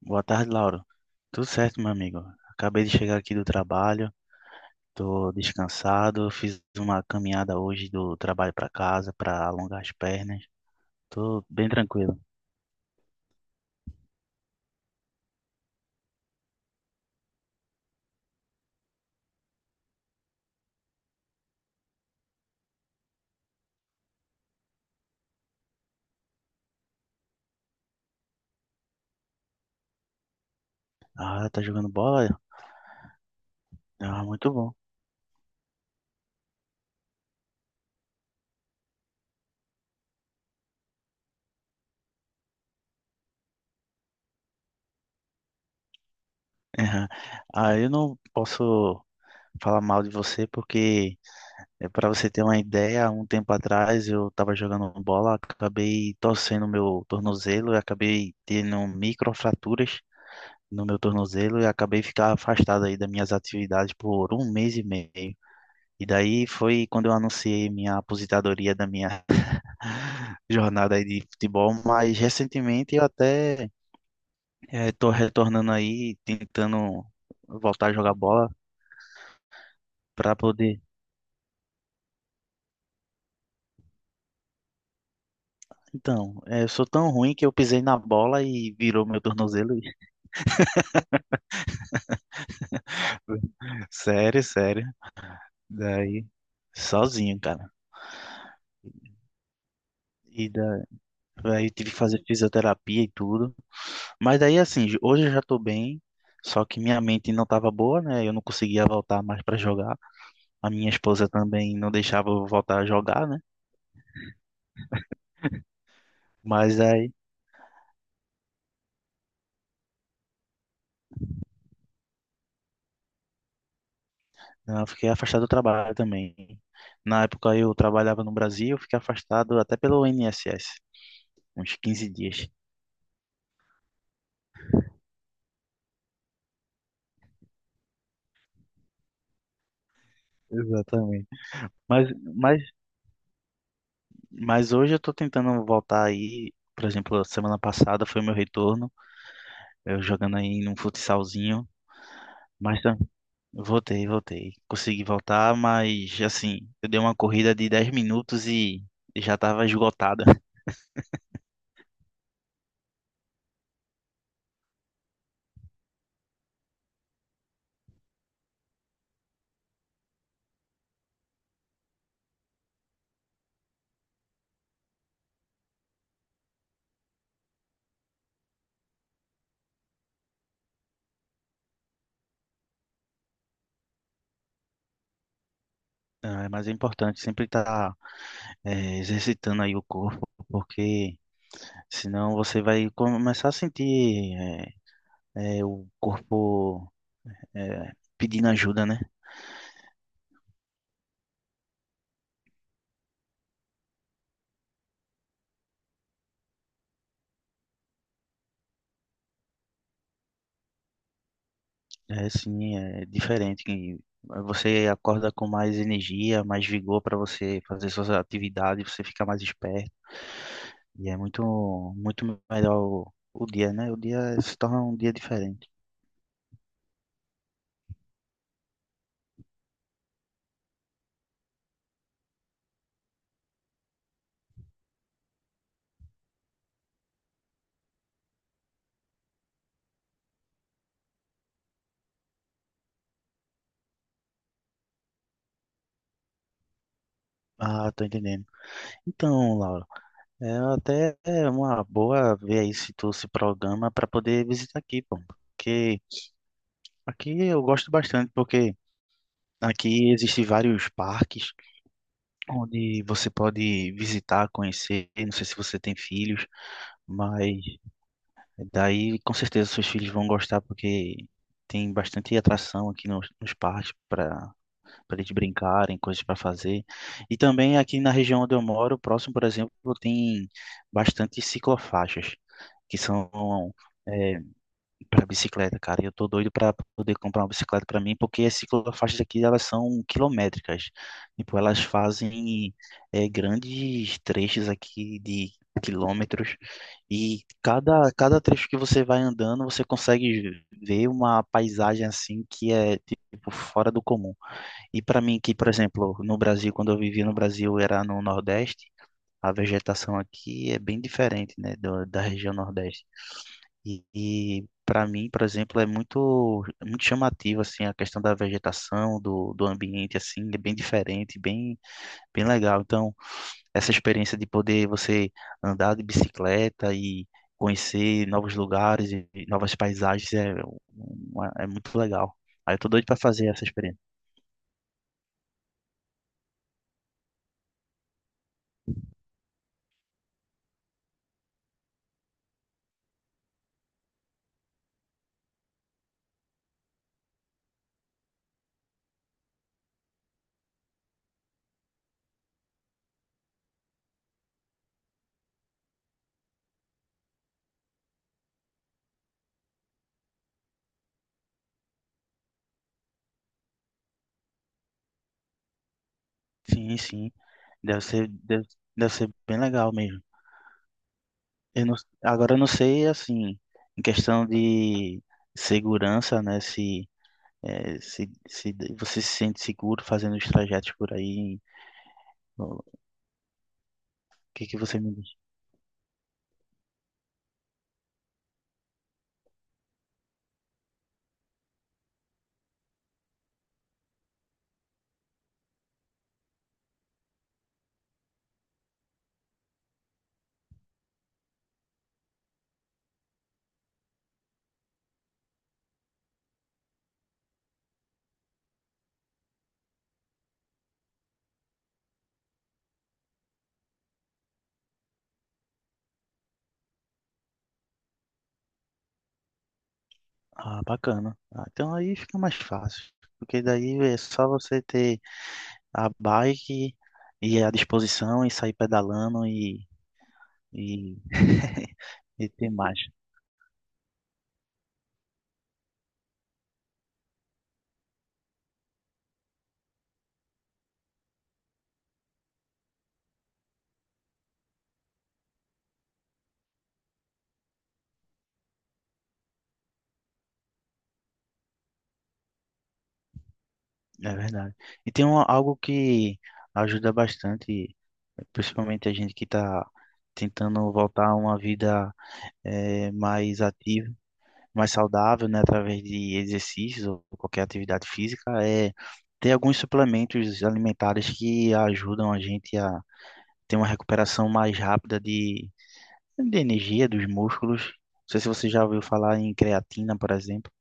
Boa tarde, Lauro. Tudo certo, meu amigo? Acabei de chegar aqui do trabalho, tô descansado, fiz uma caminhada hoje do trabalho para casa para alongar as pernas. Tô bem tranquilo. Ah, tá jogando bola? Ah, muito bom. Ah, eu não posso falar mal de você porque é para você ter uma ideia, um tempo atrás eu estava jogando bola, acabei torcendo meu tornozelo e acabei tendo microfraturas no meu tornozelo e acabei ficar afastado aí das minhas atividades por um mês e meio. E daí foi quando eu anunciei minha aposentadoria da minha jornada aí de futebol, mas recentemente eu até estou retornando aí, tentando voltar a jogar bola para poder. Então, eu sou tão ruim que eu pisei na bola e virou meu tornozelo. Sério, sério. Daí, sozinho, cara. E da- Daí tive que fazer fisioterapia e tudo. Mas daí assim, hoje eu já tô bem, só que minha mente não tava boa, né? Eu não conseguia voltar mais pra jogar. A minha esposa também não deixava eu voltar a jogar, né? Mas aí não, eu fiquei afastado do trabalho também. Na época eu trabalhava no Brasil, eu fiquei afastado até pelo INSS, uns 15 dias. Exatamente. Mas, mas, mas hoje eu tô tentando voltar aí, por exemplo, semana passada foi meu retorno, eu jogando aí num futsalzinho, mas voltei, voltei. Consegui voltar, mas assim, eu dei uma corrida de 10 minutos e já estava esgotada. Ah, mas é importante sempre estar exercitando aí o corpo, porque senão você vai começar a sentir o corpo pedindo ajuda, né? É assim, é diferente. Que Você acorda com mais energia, mais vigor para você fazer suas atividades, você fica mais esperto. E é muito, muito melhor o dia, né? O dia se torna um dia diferente. Ah, tô entendendo. Então, Laura, é até uma boa ver aí se tu se programa para poder visitar aqui, pô. Porque aqui eu gosto bastante, porque aqui existem vários parques onde você pode visitar, conhecer. Não sei se você tem filhos, mas daí com certeza seus filhos vão gostar, porque tem bastante atração aqui nos parques para eles brincarem, coisas para fazer. E também aqui na região onde eu moro, próximo, por exemplo, tem bastante ciclofaixas, que são é, para bicicleta, cara. E eu tô doido para poder comprar uma bicicleta para mim, porque as ciclofaixas aqui elas são quilométricas. Tipo, elas fazem grandes trechos aqui de quilômetros e cada trecho que você vai andando, você consegue ver uma paisagem assim que é tipo fora do comum. E para mim, que, por exemplo, no Brasil, quando eu vivia no Brasil, era no Nordeste, a vegetação aqui é bem diferente, né, do- da região Nordeste. E para mim, por exemplo, é muito, muito chamativo, assim, a questão da vegetação, do ambiente, assim, é bem diferente, bem, bem legal. Então, essa experiência de poder você andar de bicicleta e conhecer novos lugares e novas paisagens é muito legal. Aí eu tô doido para fazer essa experiência. Sim, sim. Deve ser, deve, deve ser bem legal mesmo. Eu não, agora eu não sei, assim, em questão de segurança, né? Se você se sente seguro fazendo os trajetos por aí. O que que você me diz? Ah, bacana. Ah, então aí fica mais fácil. Porque daí é só você ter a bike e à disposição e sair pedalando e, e ter mais. É verdade. E tem um, algo que ajuda bastante, principalmente a gente que está tentando voltar a uma vida mais ativa, mais saudável, né, através de exercícios ou qualquer atividade física, é ter alguns suplementos alimentares que ajudam a gente a ter uma recuperação mais rápida de energia dos músculos. Não sei se você já ouviu falar em creatina, por exemplo.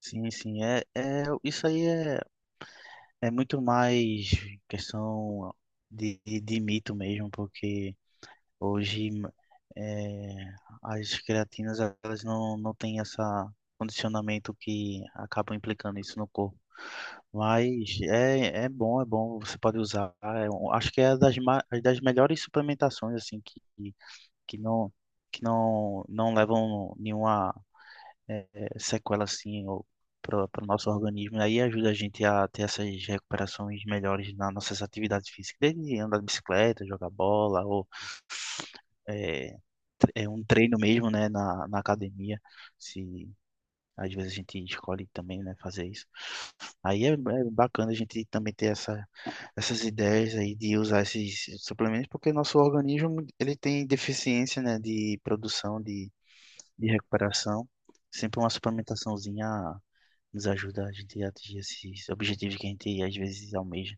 Sim, sim, é isso aí é. É muito mais questão de mito mesmo, porque hoje é, as creatinas elas não têm esse condicionamento que acabam implicando isso no corpo. Mas é bom, você pode usar. Acho que é é das melhores suplementações assim que não, que não levam nenhuma é, sequela assim ou para o nosso organismo. Aí ajuda a gente a ter essas recuperações melhores nas nossas atividades físicas, desde andar de bicicleta, jogar bola ou é, é um treino mesmo, né, na academia. Se às vezes a gente escolhe também, né, fazer isso. Aí é bacana a gente também ter essas ideias aí de usar esses suplementos, porque nosso organismo ele tem deficiência, né, de produção de recuperação. Sempre uma suplementaçãozinha nos ajuda a gente a atingir esses objetivos que a gente às vezes almeja.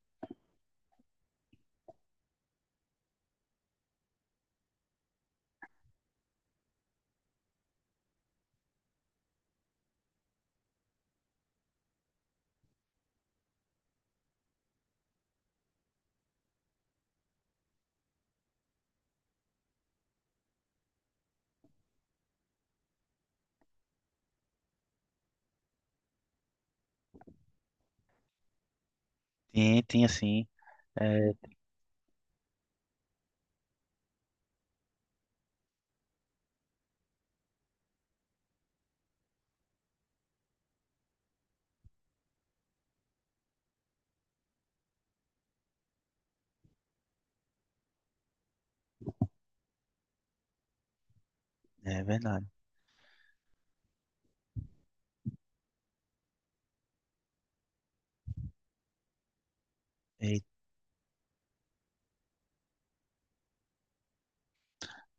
Tem, tem assim, é, é verdade. E-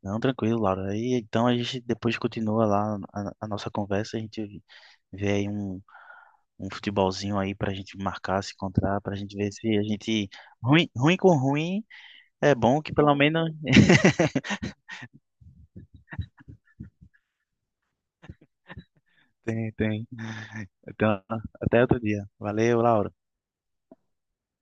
não, tranquilo, Laura. E então a gente depois continua lá a nossa conversa, a gente vê aí um futebolzinho aí pra gente marcar, se encontrar, pra gente ver se a gente. Ruim, ruim com ruim é bom que pelo menos. Tem, tem. Então, até outro dia. Valeu, Laura.